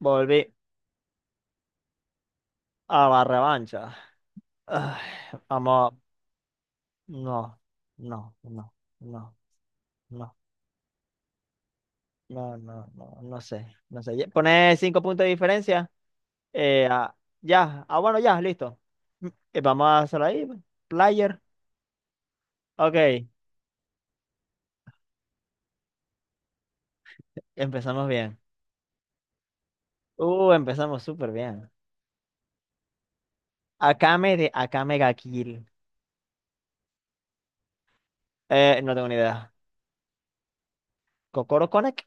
Volví a la revancha. Ay, vamos, no, no, no, no, no, no, no, no, no sé, no sé. Pone cinco puntos de diferencia. Eh, ah, ya, ah, bueno, ya, listo. Mm, vamos a hacerlo ahí, pues. Player. Ok, empezamos bien. Empezamos súper bien. Akame de Akame ga Kill. No tengo ni idea. ¿Kokoro Connect?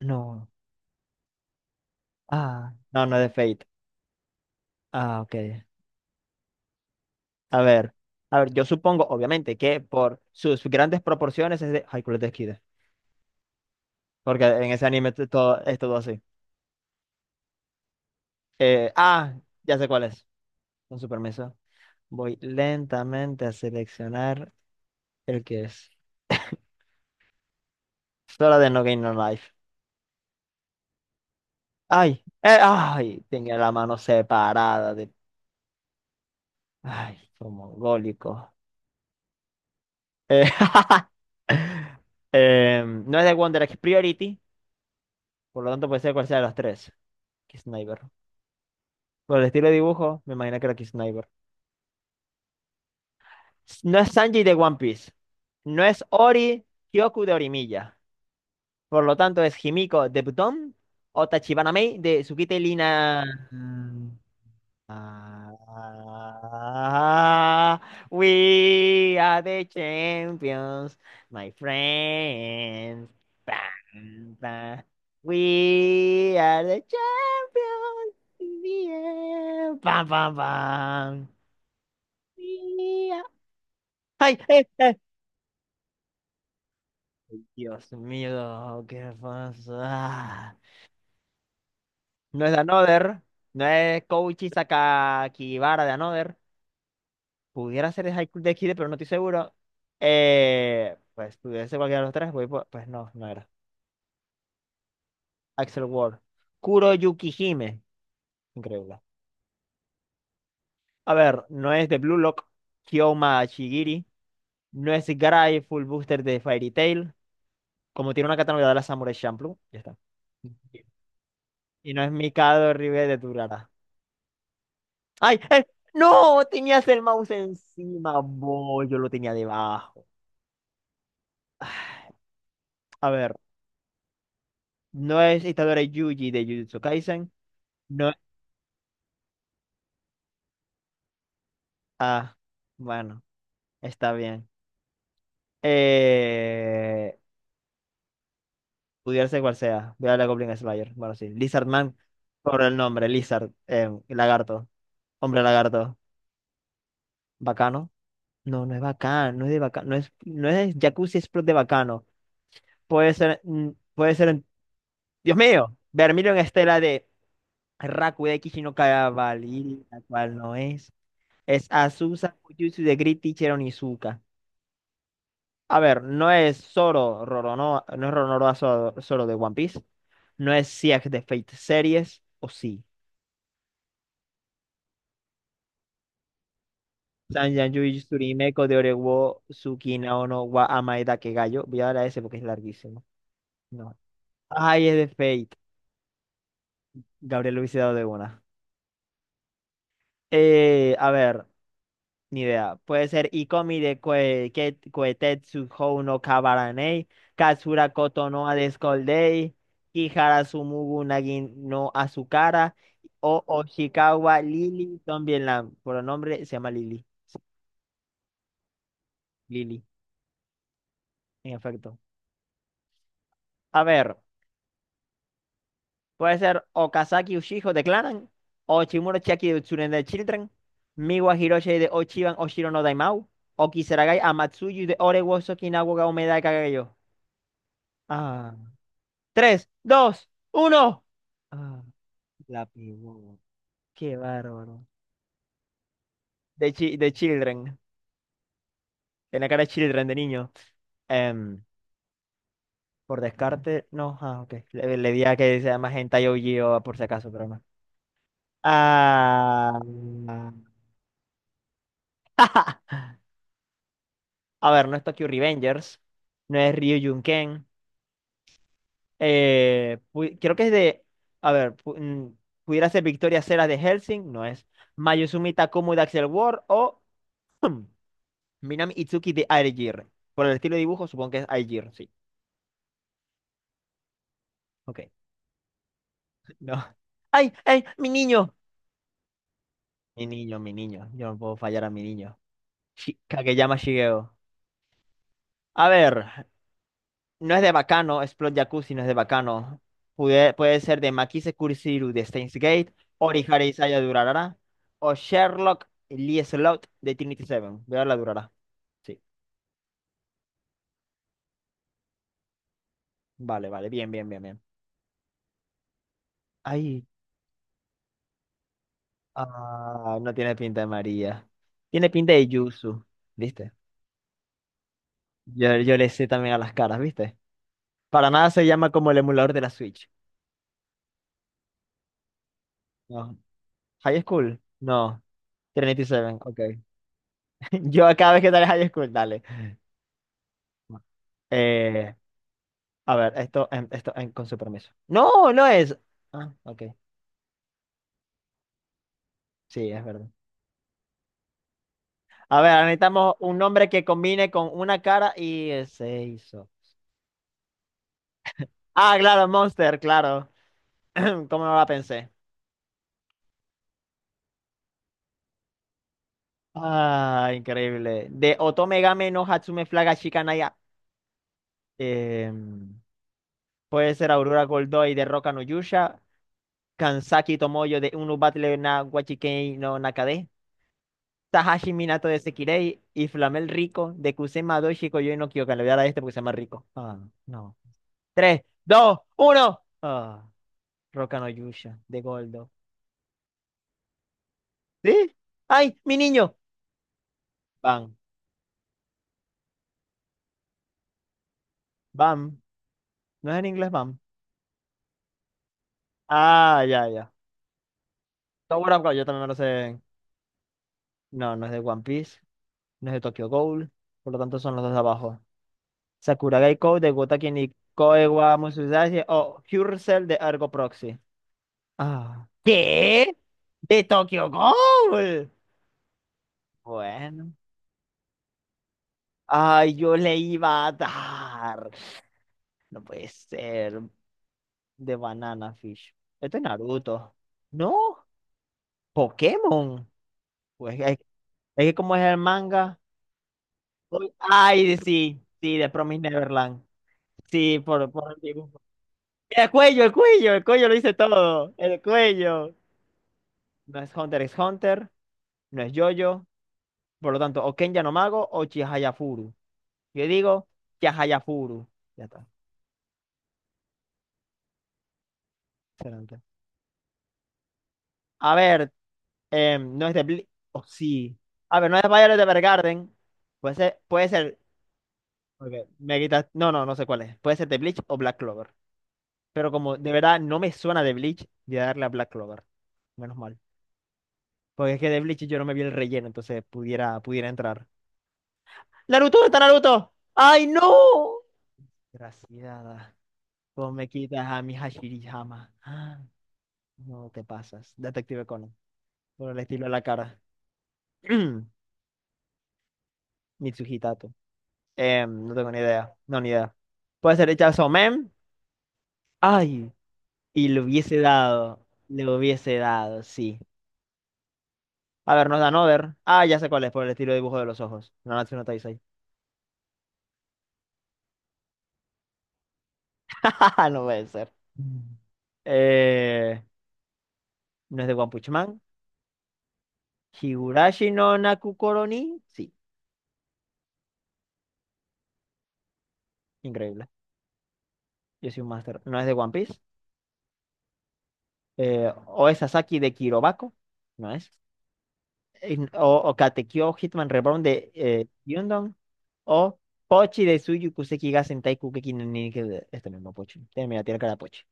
No. Ah, no, no es de Fate. Ah, ok. A ver, a ver, yo supongo, obviamente, que por sus grandes proporciones es de Haikyuu de Kid, porque en ese anime todo es todo así. Eh, ah, ya sé cuál es. Con su permiso, voy lentamente a seleccionar el que es. Sora de No Game No Life. Ay, tenía la mano separada de, ay, como mongólico. Eh, em, No es de Wonder X Priority, por lo tanto puede ser cual sea de las tres. Kiss Sniper. Por el estilo de dibujo, me imagino que era Kiss. No es Sanji de One Piece. No es Ori Kyoku de Orimilla. Por lo tanto, es Himiko de Buton o Tachibana Mei de Tsukite Lina. Mm. Ah, we are the champions, my friends. Bam, bam. We are the champions. In bam, bam, bam. We are... ¡Ay! ¡Eh! ¡Eh! Dios mío, qué pasa. No es de Another, no es Koichi Sakakibara de Another. Pudiera ser de High School Death Kid, pero no estoy seguro. Pues pudiera ser cualquiera de los tres, pues no, no era. Axel Ward. Kuro Yukihime. Increíble. A ver, no es de Blue Lock, Kyoma Shigiri. No es Garai Full Booster de Fairy Tail. Como tiene una categoría de la Samurai Champloo. Ya está. Y no es Mikado Ribe de Durara. Ay, eh, no, tenías el mouse encima, boy, yo lo tenía debajo. A ver, no es Itadori Yuji de Jujutsu Kaisen. No. Ah, bueno, está bien. Eh, Pudiera ser cual sea. Voy a la Goblin Slayer. Bueno, sí. Lizard Man, por el nombre, Lizard, lagarto, hombre lagarto. ¿Bacano? No, no es bacano, no es de bacano, no es, no es Jacuzzi Sprout de bacano. Puede ser, puede ser, Dios mío, Vermilion Estela de Rakude Kishi no Kagabali, la cual no es. Es Azusa Fujitsu de Great Teacher Onizuka. A ver, no es Zoro, Roronoa, no es Roronoa Zoro, Zoro de One Piece. No es Siak de Fate Series, o sí. Sanjan Yui Tsurimeko de Orewo Tsukina no wa Amaeda Kegayo. Voy a dar a ese porque es larguísimo. No. Ay, es de Fate. Gabriel lo hubiese dado de una. A ver. Ni idea. Puede ser Ikomi de Kuetetsu Hou no Kabaranei, Katsura Koto no Adescoldei, Kihara Sumugu Nagi no Azukara o Oshikawa Lili Lam. Por el nombre se llama Lili. Lili, en efecto. A ver, puede ser Okazaki Ushijo de Clanan, o Chimura Chiaki de Utsuren de Children, Miwa Hiroshi de Ochiban Oshiro no Daimao, o Kisaragai Amatsuyu de Ore wo Sokinawa ga Omeda de Kagayo. Tres, dos, uno. Ah, la pegó. Qué bárbaro. De, de Children. En la cara de Children, de niño. Em, por descarte, no. Ah, ok. Le di a que sea más hentai OG o Gio por si acaso, pero no. Ah. A ver, no es Tokyo Revengers. No es Ryujin Ken. Creo que es de. A ver, pudiera ser Victoria Cera de Helsing. No es. Mayuzumi Takumu de Axel World o. Minami Itsuki de Aegir. Por el estilo de dibujo, supongo que es Aegir, sí. Ok, no. ¡Ay, ay, mi niño! Mi niño, mi niño. Yo no puedo fallar a mi niño. Kageyama Shigeo. A ver, no es de Bacano, Explode Jacuzzi no es de Bacano. Puede ser de Makise Kurisiru de Steins Gate, Orihara Isaya de Urarara, o Sherlock Lee Slot de Trinity Seven. Voy a darle a Durarara. Sí, vale, vale, bien, bien, bien, bien. Ay, ah, no tiene pinta de María. Tiene pinta de Yuzu. ¿Viste? Yo le sé también a las caras, ¿viste? Para nada se llama como el emulador de la Switch. No. High School. No. Trinity Seven, ok. Yo cada vez que dale High School, dale. Eh, a ver, esto, esto, con su permiso. No, no es. Ah, ok. Sí, es verdad. A ver, necesitamos un nombre que combine con una cara y se hizo. Ah, claro, Monster, claro. ¿Cómo no la pensé? Ah, increíble. De Otome Game no Hatsume Flaga Shikanaya. Em, Puede ser Aurora Goldoi de Roka no Yusha, Kansaki Tomoyo de Unu Battle na Wachikei no Nakade, Tahashi Minato de Sekirei y Flamel Rico de Kusema Doshi Koyoi no Kyokan. Le voy a dar a este porque se llama Rico. Ah, no. Tres, dos, uno. Ah, Roka no Yusha de Goldo. ¿Sí? ¡Ay, mi niño! Bam, bam. No es en inglés bam. Ah, ya, ya. Tower of God, yo también me lo sé. No, no es de One Piece, no es de Tokyo Ghoul, por lo tanto son los dos de abajo. Sakurai Kou de Gotaki ni Koe wa Musuzashi o Hyrsel de Ergo Proxy. Ah. ¿Qué? ¿De Tokyo Ghoul? Bueno. Ay, yo le iba a dar. No puede ser. De Banana Fish. Esto es Naruto. No, Pokémon. Pues es que como es el manga. Ay, sí, sí, de Promise Neverland. Sí, por el dibujo. El cuello, el cuello, el cuello lo hice todo. El cuello. No es Hunter x Hunter, no es JoJo. Por lo tanto, o Kenya no Mago o Chihayafuru. Yo digo Chihayafuru. Ya está. Excelente. A ver, no es de oh, sí. A ver, no es Violet Evergarden. Puede ser, puede ser. Ok, me quitas. No, no, no sé cuál es. Puede ser de Bleach o Black Clover. Pero como de verdad no me suena de Bleach, voy a darle a Black Clover. Menos mal. Porque es que de Bleach yo no me vi el relleno, entonces pudiera, pudiera entrar. ¡Naruto! ¡Está Naruto! ¡Ay, no! Gracias. Vos me quitas a mi Hashirihama. Ah, no te pasas. Detective Conan. Por el estilo de la cara. Mitsuhi Tato. No tengo ni idea. No, ni idea. Puede ser hechazo men. Ay, y le hubiese dado. Le hubiese dado, sí. A ver, nos dan over. Ah, ya sé cuál es, por el estilo de dibujo de los ojos. Nanatsu no Taizai. No puede ser. Mm. Eh, no es de One Punch Man. Higurashi no Nakukoro ni. Sí, increíble. Yo soy un máster. No es de One Piece. Oe Sasaki de Kirobako, ¿no es? O Katekyo Hitman Reborn de Yundon, o Pochi de Suyu Kuseki ga Sentai Kukeki no Ninike Este mismo Pochi. Mira, tiene cara de Pochi.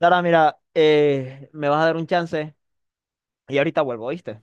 Ahora, mira, me vas a dar un chance y ahorita vuelvo, ¿viste?